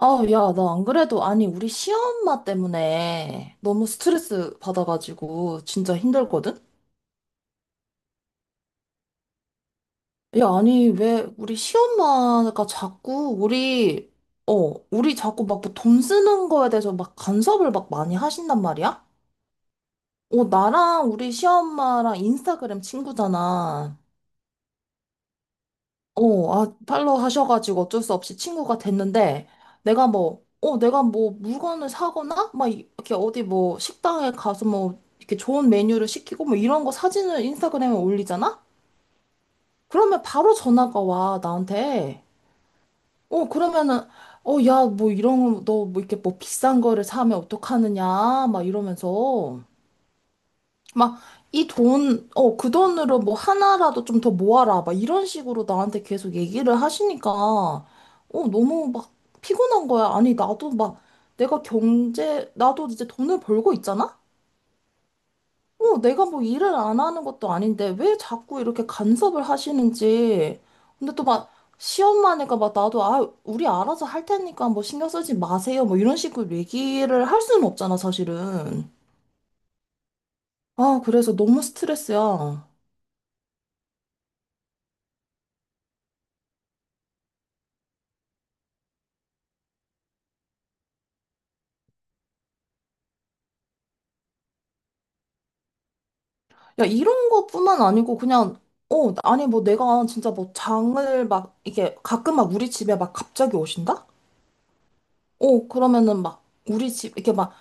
아, 야, 나 안 그래도, 아니, 우리 시엄마 때문에 너무 스트레스 받아가지고 진짜 힘들거든? 야, 아니, 왜 우리 시엄마가 자꾸 우리 자꾸 막 뭐 돈 쓰는 거에 대해서 막 간섭을 막 많이 하신단 말이야? 어, 나랑 우리 시엄마랑 인스타그램 친구잖아. 어, 아, 팔로우 하셔가지고 어쩔 수 없이 친구가 됐는데, 내가 뭐 물건을 사거나, 막 이렇게 어디 뭐 식당에 가서 뭐 이렇게 좋은 메뉴를 시키고 뭐 이런 거 사진을 인스타그램에 올리잖아? 그러면 바로 전화가 와, 나한테. 어, 그러면은, 어, 야, 뭐 이런 거, 너 뭐 이렇게 뭐 비싼 거를 사면 어떡하느냐, 막 이러면서. 막, 이 돈, 어, 그 돈으로 뭐 하나라도 좀 더 모아라. 막 이런 식으로 나한테 계속 얘기를 하시니까, 어, 너무 막 피곤한 거야. 아니, 나도 막 내가 경제, 나도 이제 돈을 벌고 있잖아? 어, 내가 뭐 일을 안 하는 것도 아닌데 왜 자꾸 이렇게 간섭을 하시는지. 근데 또 막 시험만 하니까 막 나도, 아, 우리 알아서 할 테니까 뭐 신경 쓰지 마세요. 뭐 이런 식으로 얘기를 할 수는 없잖아, 사실은. 아, 그래서 너무 스트레스야. 야, 이런 것뿐만 아니고 그냥 어, 아니 뭐 내가 진짜 뭐 장을 막 이게 가끔 막 우리 집에 막 갑자기 오신다? 어, 그러면은 막 우리 집 이렇게 막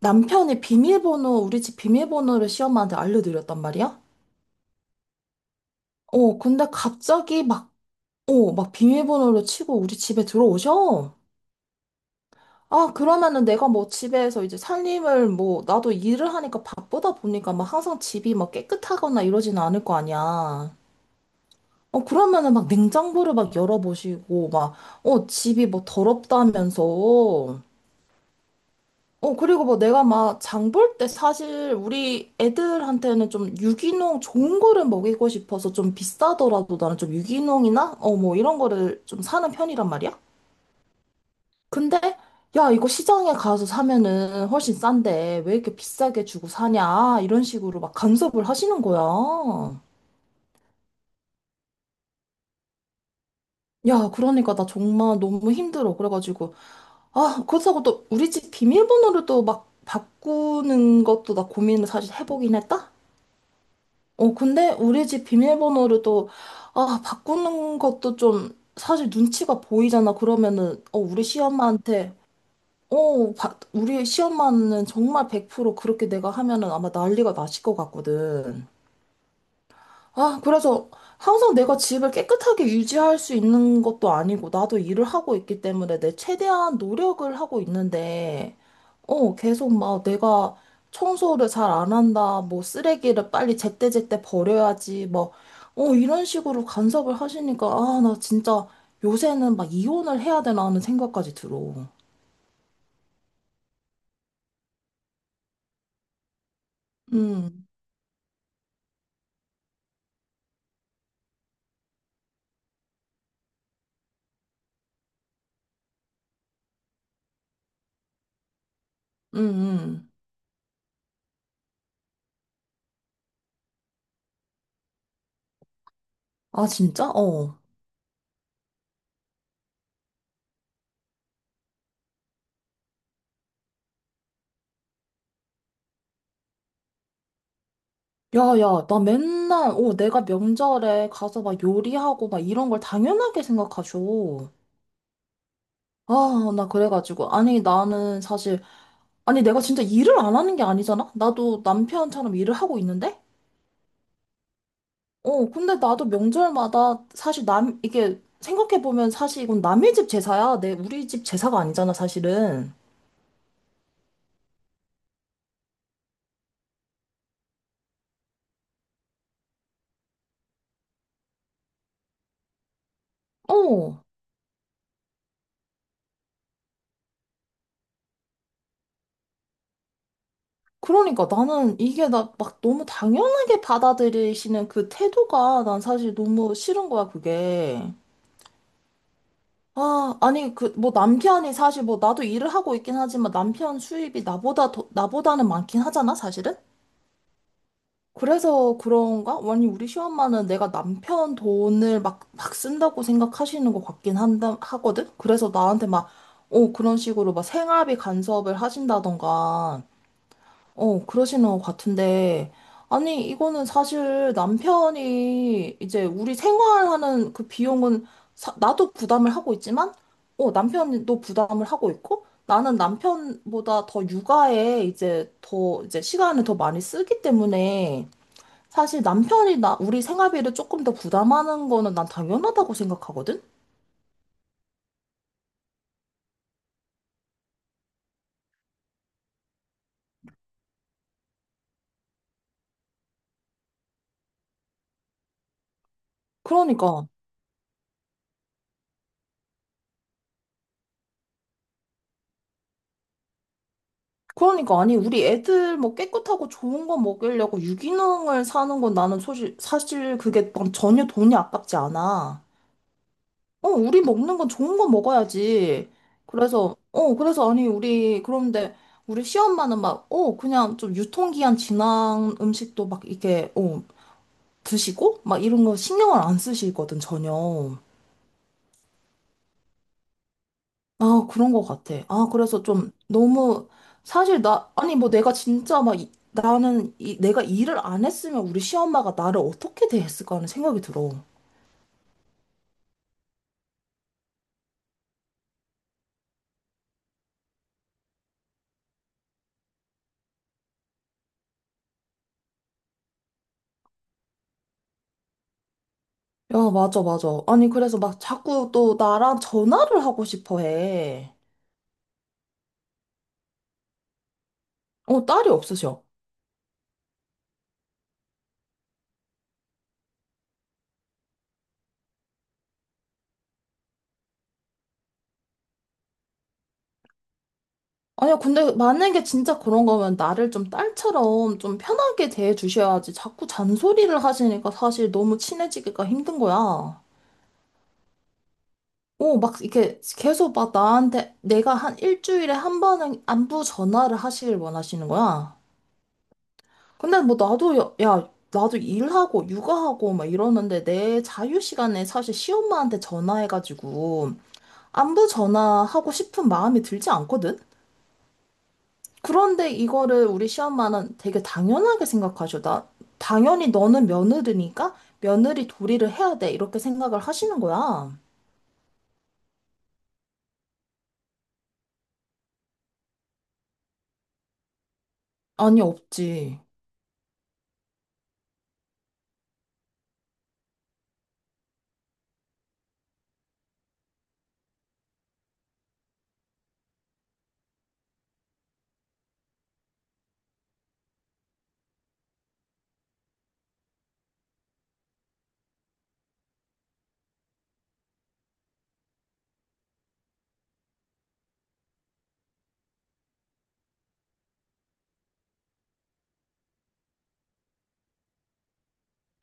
남편이 비밀번호 우리 집 비밀번호를 시엄마한테 알려드렸단 말이야? 어, 근데 갑자기 막 어, 막 비밀번호를 치고 우리 집에 들어오셔. 아, 그러면은 내가 뭐 집에서 이제 살림을 뭐 나도 일을 하니까 바쁘다 보니까 막 항상 집이 막 깨끗하거나 이러지는 않을 거 아니야. 어, 그러면은 막 냉장고를 막 열어보시고, 막, 어, 집이 뭐 더럽다면서. 어, 그리고 뭐 내가 막 장 볼 때 사실 우리 애들한테는 좀 유기농 좋은 거를 먹이고 싶어서 좀 비싸더라도 나는 좀 유기농이나, 어, 뭐 이런 거를 좀 사는 편이란 말이야? 근데, 야, 이거 시장에 가서 사면은 훨씬 싼데 왜 이렇게 비싸게 주고 사냐? 이런 식으로 막 간섭을 하시는 거야. 야, 그러니까 나 정말 너무 힘들어. 그래가지고. 아, 그렇다고 또 우리 집 비밀번호를 또 막 바꾸는 것도 나 고민을 사실 해보긴 했다? 어, 근데 우리 집 비밀번호를 또, 아, 바꾸는 것도 좀 사실 눈치가 보이잖아. 그러면은, 어, 우리 시엄마한테, 어, 우리 시엄마는 정말 100% 그렇게 내가 하면은 아마 난리가 나실 것 같거든. 아, 그래서 항상 내가 집을 깨끗하게 유지할 수 있는 것도 아니고, 나도 일을 하고 있기 때문에 내 최대한 노력을 하고 있는데, 어, 계속 막 내가 청소를 잘 안 한다, 뭐 쓰레기를 빨리 제때제때 버려야지, 뭐, 어, 이런 식으로 간섭을 하시니까, 아, 나 진짜 요새는 막 이혼을 해야 되나 하는 생각까지 들어. 음, 음, 음. 아, 진짜? 어. 야, 야, 나 맨날, 어, 내가 명절에 가서 막 요리하고 막 이런 걸 당연하게 생각하죠. 아, 나 그래가지고. 아니, 나는 사실, 아니, 내가 진짜 일을 안 하는 게 아니잖아? 나도 남편처럼 일을 하고 있는데? 어, 근데 나도 명절마다 사실 이게 생각해보면 사실 이건 남의 집 제사야. 내, 우리 집 제사가 아니잖아, 사실은. 어. 그러니까 나는 이게 나 막 너무 당연하게 받아들이시는 그 태도가 난 사실 너무 싫은 거야, 그게. 아, 아니, 그, 뭐, 남편이 사실 뭐, 나도 일을 하고 있긴 하지만 남편 수입이 나보다 나보다는 많긴 하잖아, 사실은? 그래서 그런가? 아니, 우리 시엄마는 내가 남편 돈을 막, 막 쓴다고 생각하시는 것 같긴 하거든? 그래서 나한테 막, 어, 그런 식으로 막 생활비 간섭을 하신다던가, 어, 그러시는 것 같은데. 아니, 이거는 사실 남편이 이제 우리 생활하는 그 비용은 나도 부담을 하고 있지만, 어, 남편도 부담을 하고 있고, 나는 남편보다 더 육아에 이제 이제 시간을 더 많이 쓰기 때문에, 사실 남편이 우리 생활비를 조금 더 부담하는 거는 난 당연하다고 생각하거든? 그러니까. 그러니까 아니 우리 애들 뭐 깨끗하고 좋은 거 먹이려고 유기농을 사는 건 나는 사실 사실 그게 난 전혀 돈이 아깝지 않아. 어, 우리 먹는 건 좋은 거 먹어야지. 그래서 어 그래서 아니 우리 그런데 우리 시엄마는 막 어 그냥 좀 유통기한 지난 음식도 막 이렇게 어 드시고 막 이런 거 신경을 안 쓰시거든 전혀. 아, 그런 것 같아. 아, 그래서 좀 너무, 사실 나, 아니, 뭐 내가 진짜 막, 나는 내가 일을 안 했으면 우리 시엄마가 나를 어떻게 대했을까 하는 생각이 들어. 야, 맞아, 맞아. 아니, 그래서 막 자꾸 또 나랑 전화를 하고 싶어 해. 어, 딸이 없으셔. 아니야, 근데 만약에 진짜 그런 거면 나를 좀 딸처럼 좀 편하게 대해 주셔야지. 자꾸 잔소리를 하시니까 사실 너무 친해지기가 힘든 거야. 오, 막 이렇게 계속 막 나한테 내가 한 일주일에 한 번은 안부 전화를 하시길 원하시는 거야. 근데 뭐 나도 야, 야, 나도 일하고 육아하고 막 이러는데 내 자유 시간에 사실 시엄마한테 전화해가지고 안부 전화하고 싶은 마음이 들지 않거든? 그런데 이거를 우리 시엄마는 되게 당연하게 생각하셔. 나 당연히 너는 며느리니까 며느리 도리를 해야 돼. 이렇게 생각을 하시는 거야. 아니, 없지.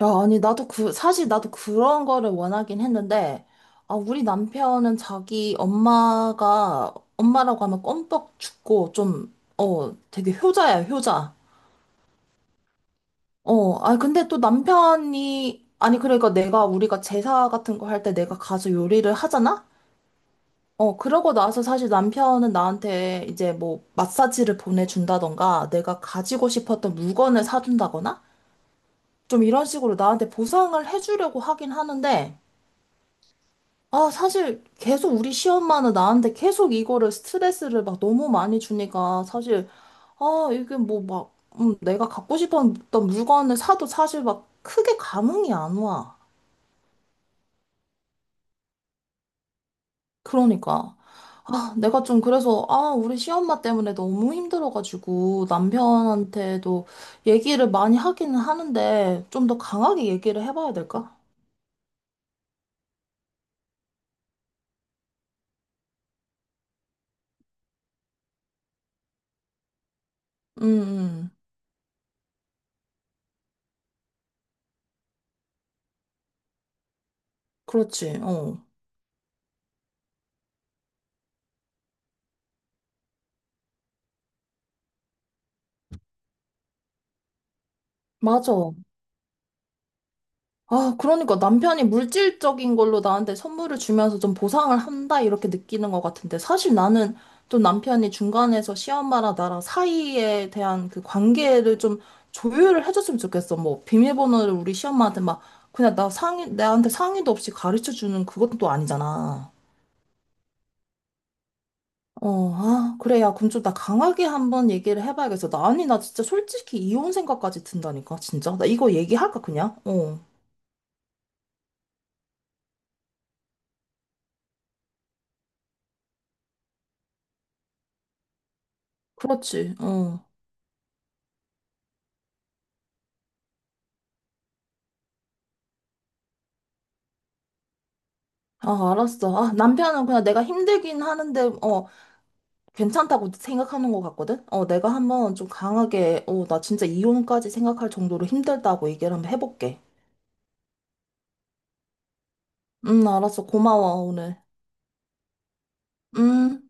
야, 아니, 나도 그, 사실 나도 그런 거를 원하긴 했는데, 아, 우리 남편은 자기 엄마라고 하면 껌뻑 죽고, 좀, 어, 되게 효자야, 효자. 어, 아, 근데 또 남편이, 아니, 그러니까 내가, 우리가 제사 같은 거 할 때 내가 가서 요리를 하잖아? 어, 그러고 나서 사실 남편은 나한테 이제 뭐, 마사지를 보내준다던가, 내가 가지고 싶었던 물건을 사준다거나, 좀 이런 식으로 나한테 보상을 해주려고 하긴 하는데, 아, 사실 계속 우리 시엄마는 나한테 계속 이거를 스트레스를 막 너무 많이 주니까 사실 아, 이게 뭐 막, 내가 갖고 싶었던 물건을 사도 사실 막 크게 감흥이 안 와. 그러니까. 아, 내가 좀 그래서, 아, 우리 시엄마 때문에 너무 힘들어가지고 남편한테도 얘기를 많이 하기는 하는데 좀 더 강하게 얘기를 해봐야 될까? 음, 음. 그렇지. 어. 맞아. 아, 그러니까 남편이 물질적인 걸로 나한테 선물을 주면서 좀 보상을 한다, 이렇게 느끼는 것 같은데, 사실 나는 좀 남편이 중간에서 시엄마랑 나랑 사이에 대한 그 관계를 좀 조율을 해줬으면 좋겠어. 뭐, 비밀번호를 우리 시엄마한테 막, 그냥 나한테 상의도 없이 가르쳐 주는 그것도 또 아니잖아. 어, 아, 그래, 야, 그럼 좀 나 강하게 한번 얘기를 해봐야겠어. 아니, 나 진짜 솔직히 이혼 생각까지 든다니까, 진짜. 나 이거 얘기할까, 그냥? 어, 그렇지, 어. 아, 알았어. 아, 남편은 그냥 내가 힘들긴 하는데, 어, 괜찮다고 생각하는 것 같거든? 어, 내가 한번 좀 강하게, 어, 나 진짜 이혼까지 생각할 정도로 힘들다고 얘기를 한번 해볼게. 알았어. 고마워, 오늘. 음.